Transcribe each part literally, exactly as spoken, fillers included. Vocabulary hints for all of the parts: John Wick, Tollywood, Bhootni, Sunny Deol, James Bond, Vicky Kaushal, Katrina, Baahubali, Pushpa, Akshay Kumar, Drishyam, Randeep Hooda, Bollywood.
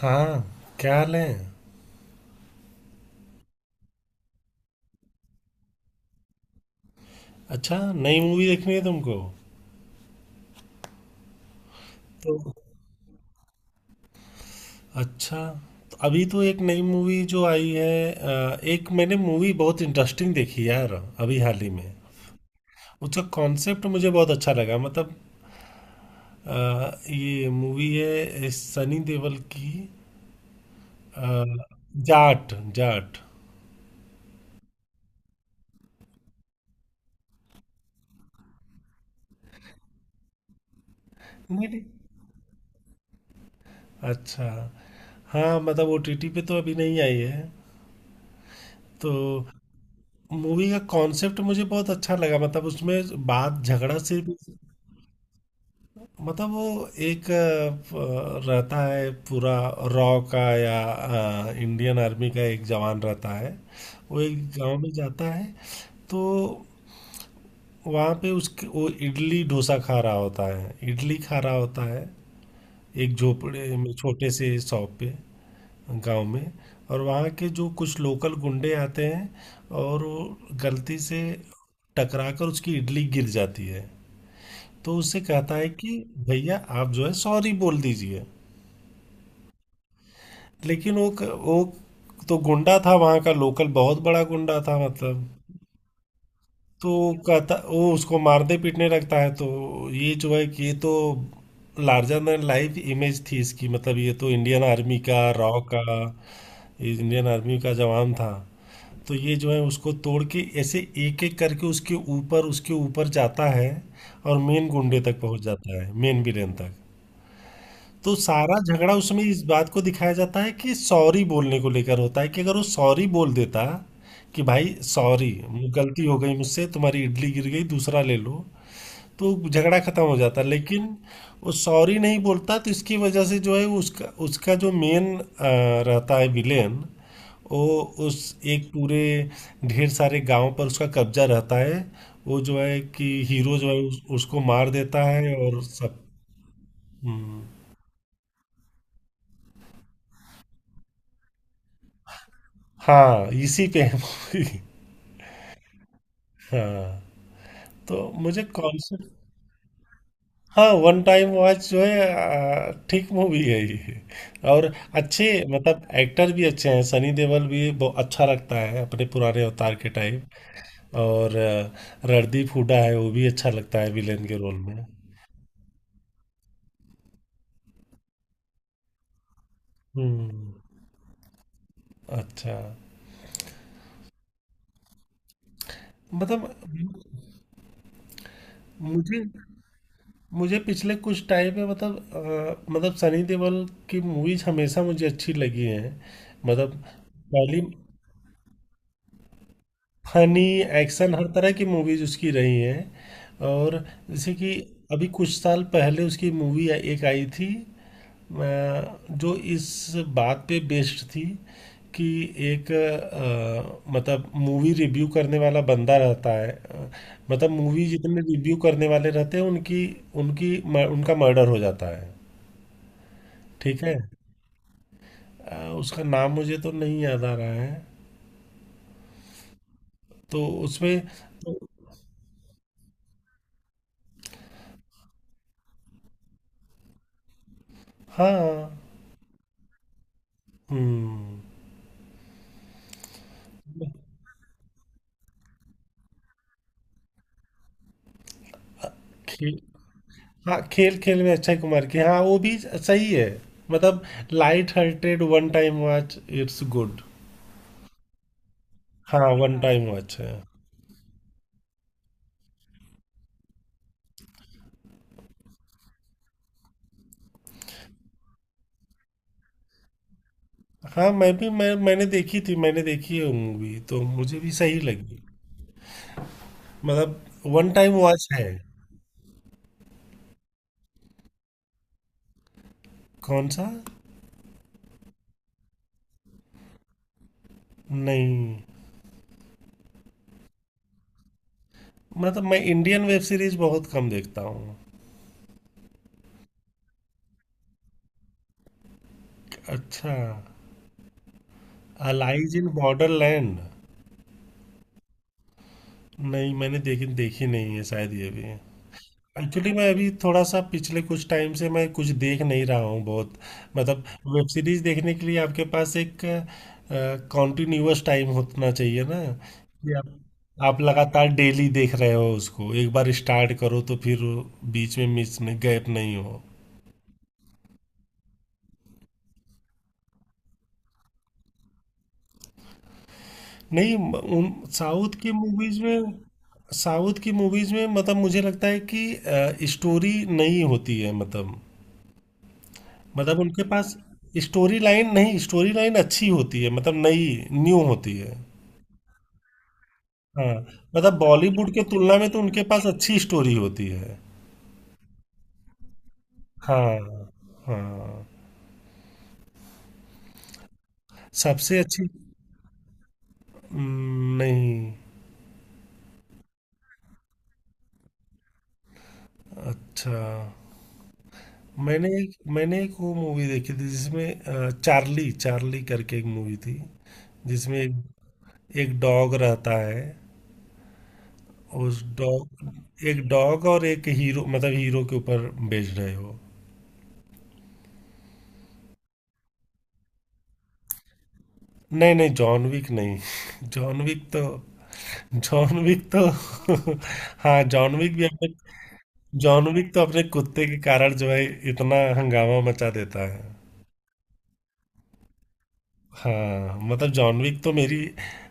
हाँ। क्या हाल है? अच्छा, नई मूवी देखनी है तुमको? तो। अच्छा। तो अभी तो एक नई मूवी जो आई है, अ, एक मैंने मूवी बहुत इंटरेस्टिंग देखी यार अभी हाल ही में। उसका कॉन्सेप्ट मुझे बहुत अच्छा लगा मतलब। अ, ये मूवी है सनी देओल की। अ, जाट। जाट। नहीं नहीं। अच्छा। हाँ, मतलब ओटीटी पे तो अभी नहीं आई है। तो मूवी का कॉन्सेप्ट मुझे बहुत अच्छा लगा, मतलब उसमें बात झगड़ा से भी। मतलब वो एक अ, प- रहता है पूरा। रॉ का या अ, इंडियन आर्मी का एक जवान रहता है। वो एक गांव में जाता है। तो वहाँ पे उसके वो इडली डोसा खा रहा होता है, इडली खा रहा होता है एक झोपड़े में छोटे से शॉप पे, गांव में। और वहाँ के जो कुछ लोकल गुंडे आते हैं, और वो गलती से टकरा कर उसकी इडली गिर जाती है। तो उससे कहता है कि भैया, आप जो है सॉरी बोल दीजिए। लेकिन वो क- वो तो गुंडा था, वहाँ का लोकल बहुत बड़ा गुंडा था, मतलब। तो वो कहता, वो उसको मारने पीटने लगता है तो। ये जो है कि ये तो लार्जर देन लाइफ इमेज थी इसकी, मतलब ये तो इंडियन आर्मी का रॉ का, ये इंडियन आर्मी का जवान था। तो ये जो है उसको तोड़ के ऐसे एक एक करके उसके ऊपर उसके ऊपर जाता है। और मेन गुंडे तक पहुंच जाता है, मेन विलेन तक। तो सारा झगड़ा उसमें इस बात को दिखाया जाता है कि सॉरी बोलने को लेकर होता है, कि अगर वो सॉरी बोल देता कि भाई सॉरी, गलती हो गई मुझसे, तुम्हारी इडली गिर गई, दूसरा ले लो, तो झगड़ा खत्म हो जाता, लेकिन वो सॉरी नहीं बोलता। तो इसकी वजह से जो है उसका उसका जो मेन रहता है विलेन, वो उस एक पूरे ढेर सारे गांव पर उसका कब्जा रहता है। वो जो है कि हीरो जो है उस, उसको मार देता है, और सब। हम्म। हाँ, इसी पे है मूवी। हाँ, तो मुझे कॉन्सेप्ट। हाँ, वन टाइम वॉच जो है। आ, ठीक मूवी है ये। और अच्छे, मतलब एक्टर भी अच्छे हैं, सनी देओल भी बहुत अच्छा लगता है अपने पुराने अवतार के टाइम। और आ, रणदीप हुड्डा है, वो भी अच्छा लगता है विलेन के रोल में। हम्म। अच्छा। मतलब मुझे मुझे पिछले कुछ टाइम में, मतलब अ, मतलब सनी देओल की मूवीज हमेशा मुझे अच्छी लगी हैं, मतलब। पहली, फनी, एक्शन, हर तरह की मूवीज उसकी रही हैं। और जैसे कि अभी कुछ साल पहले उसकी मूवी एक आई थी अ, जो इस बात पे बेस्ड थी कि एक अ, मतलब मूवी रिव्यू करने वाला बंदा रहता है, अ, मतलब मूवी जितने रिव्यू करने वाले रहते हैं उनकी, उनकी म- उनका मर्डर हो जाता है। ठीक है। अ, उसका नाम मुझे तो नहीं याद आ रहा है, तो उसमें तो। हाँ। हम्म। खेल। हाँ, खेल खेल में अक्षय कुमार की, हाँ वो भी सही है, मतलब। Light hearted one time watch, it's good. हाँ वन हाँ टाइम वॉच है। हाँ मैं भी मैं मैंने देखी थी, मैंने देखी है मूवी तो मुझे भी सही लगी। मतलब वन टाइम वॉच है। कौन सा? नहीं, मतलब मैं इंडियन वेब सीरीज बहुत कम देखता हूँ। अच्छा। Allies in Borderland. नहीं, मैंने देखी, देखी नहीं है शायद ये भी। एक्चुअली मैं अभी थोड़ा सा पिछले कुछ टाइम से मैं कुछ देख नहीं रहा हूँ बहुत, मतलब। वेब सीरीज देखने के लिए आपके पास एक कॉन्टिन्यूअस टाइम होना चाहिए ना, कि आप आप लगातार डेली देख रहे हो उसको, एक बार स्टार्ट करो तो फिर वो बीच में मिस नहीं, गैप नहीं हो। नहीं, म- उन साउथ की मूवीज में, साउथ की मूवीज में मतलब मुझे लगता है कि स्टोरी नहीं होती है, मतलब मतलब उनके पास स्टोरी लाइन नहीं, स्टोरी लाइन अच्छी होती है, मतलब नई न्यू होती है। हाँ। मतलब बॉलीवुड के तुलना में तो उनके पास अच्छी स्टोरी होती है। हाँ हाँ सबसे अच्छी। हम्म। नहीं। अच्छा। मैंने एक मैंने एक वो मूवी देखी थी जिसमें अ, चार्ली चार्ली करके एक मूवी थी, जिसमें एक, एक डॉग रहता है। उस डॉग एक डॉग और एक हीरो, मतलब हीरो के ऊपर बेस्ड है वो। नहीं, नहीं, जॉन विक नहीं। जॉन विक तो। जॉन विक तो हाँ, जॉन विक भी अपने। जॉन विक तो अपने कुत्ते के कारण जो है इतना हंगामा मचा देता है। हाँ, मतलब जॉन विक तो मेरी,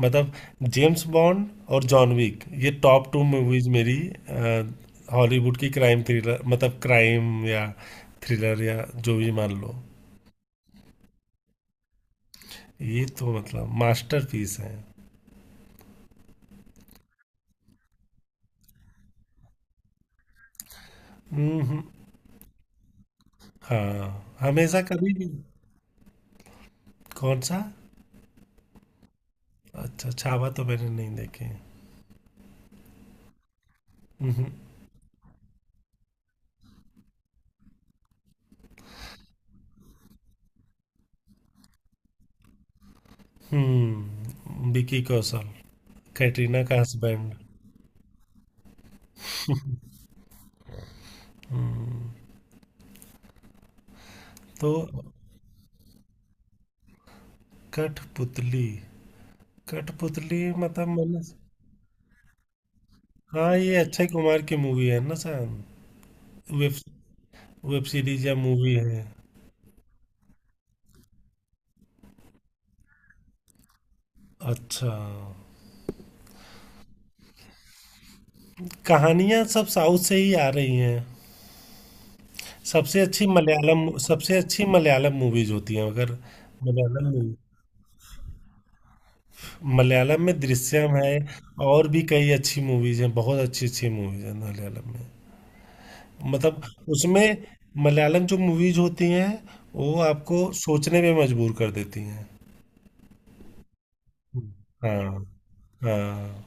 मतलब जेम्स बॉन्ड और जॉन विक, ये टॉप टू मूवीज मेरी अ, हॉलीवुड की क्राइम थ्रिलर, मतलब क्राइम या थ्रिलर या जो भी मान लो, ये तो मतलब मास्टरपीस है। हम्म हम्म। हाँ हमेशा कभी भी। कौन सा? अच्छा, छावा तो मैंने नहीं देखे हैं। हम्म। हम्म, विकी कौशल, कैटरीना का हस्बैंड। तो कठपुतली। कठपुतली मतलब मैंने, हाँ ये अक्षय कुमार की मूवी है ना शायद। वेब वेब सीरीज या मूवी है। अच्छा। कहानियां सब साउथ से ही आ रही हैं। सबसे अच्छी मलयालम सबसे अच्छी मलयालम मूवीज होती हैं अगर। मलयालम मूवी मलयालम में दृश्यम है। और भी कई अच्छी मूवीज हैं, बहुत अच्छी अच्छी मूवीज हैं मलयालम में, मतलब उसमें मलयालम जो मूवीज होती हैं वो आपको सोचने पे मजबूर कर देती हैं। हाँ हाँ।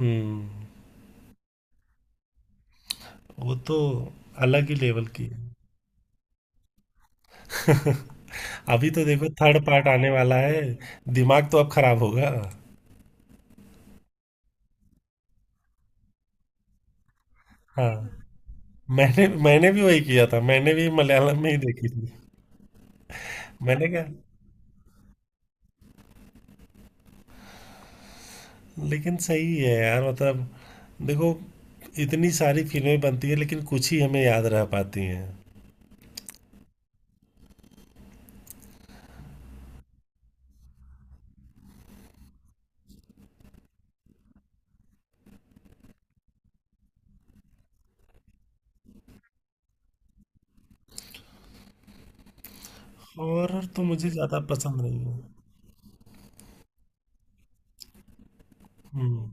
हम्म, वो तो अलग ही लेवल की है। अभी तो देखो थर्ड पार्ट आने वाला है, दिमाग तो अब खराब होगा। हाँ, मैंने मैंने भी वही किया था, मैंने भी मलयालम में ही देखी थी। मैंने कहा, लेकिन सही है यार मतलब, देखो इतनी सारी फिल्में बनती है लेकिन कुछ ही हमें याद रह पाती हैं। हॉरर तो मुझे ज़्यादा पसंद नहीं है। हम्म।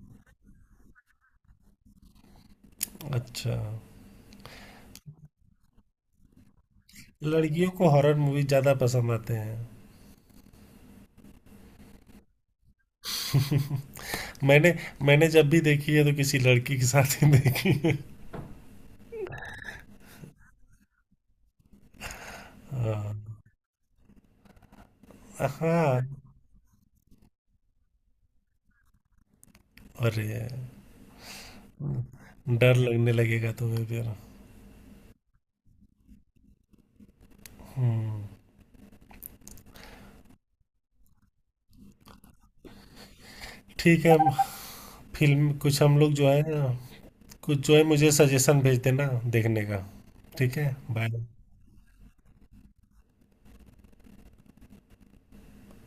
अच्छा, लड़कियों को हॉरर मूवी ज़्यादा पसंद आते हैं। मैंने मैंने जब भी देखी है तो किसी लड़की के साथ ही देखी है। हाँ हाँ। अरे, डर लगने लगेगा तुम्हें फिर। हम्म। ठीक है। फिल्म कुछ हम लोग जो है, कुछ जो है मुझे सजेशन भेज देना देखने का। ठीक है। बाय।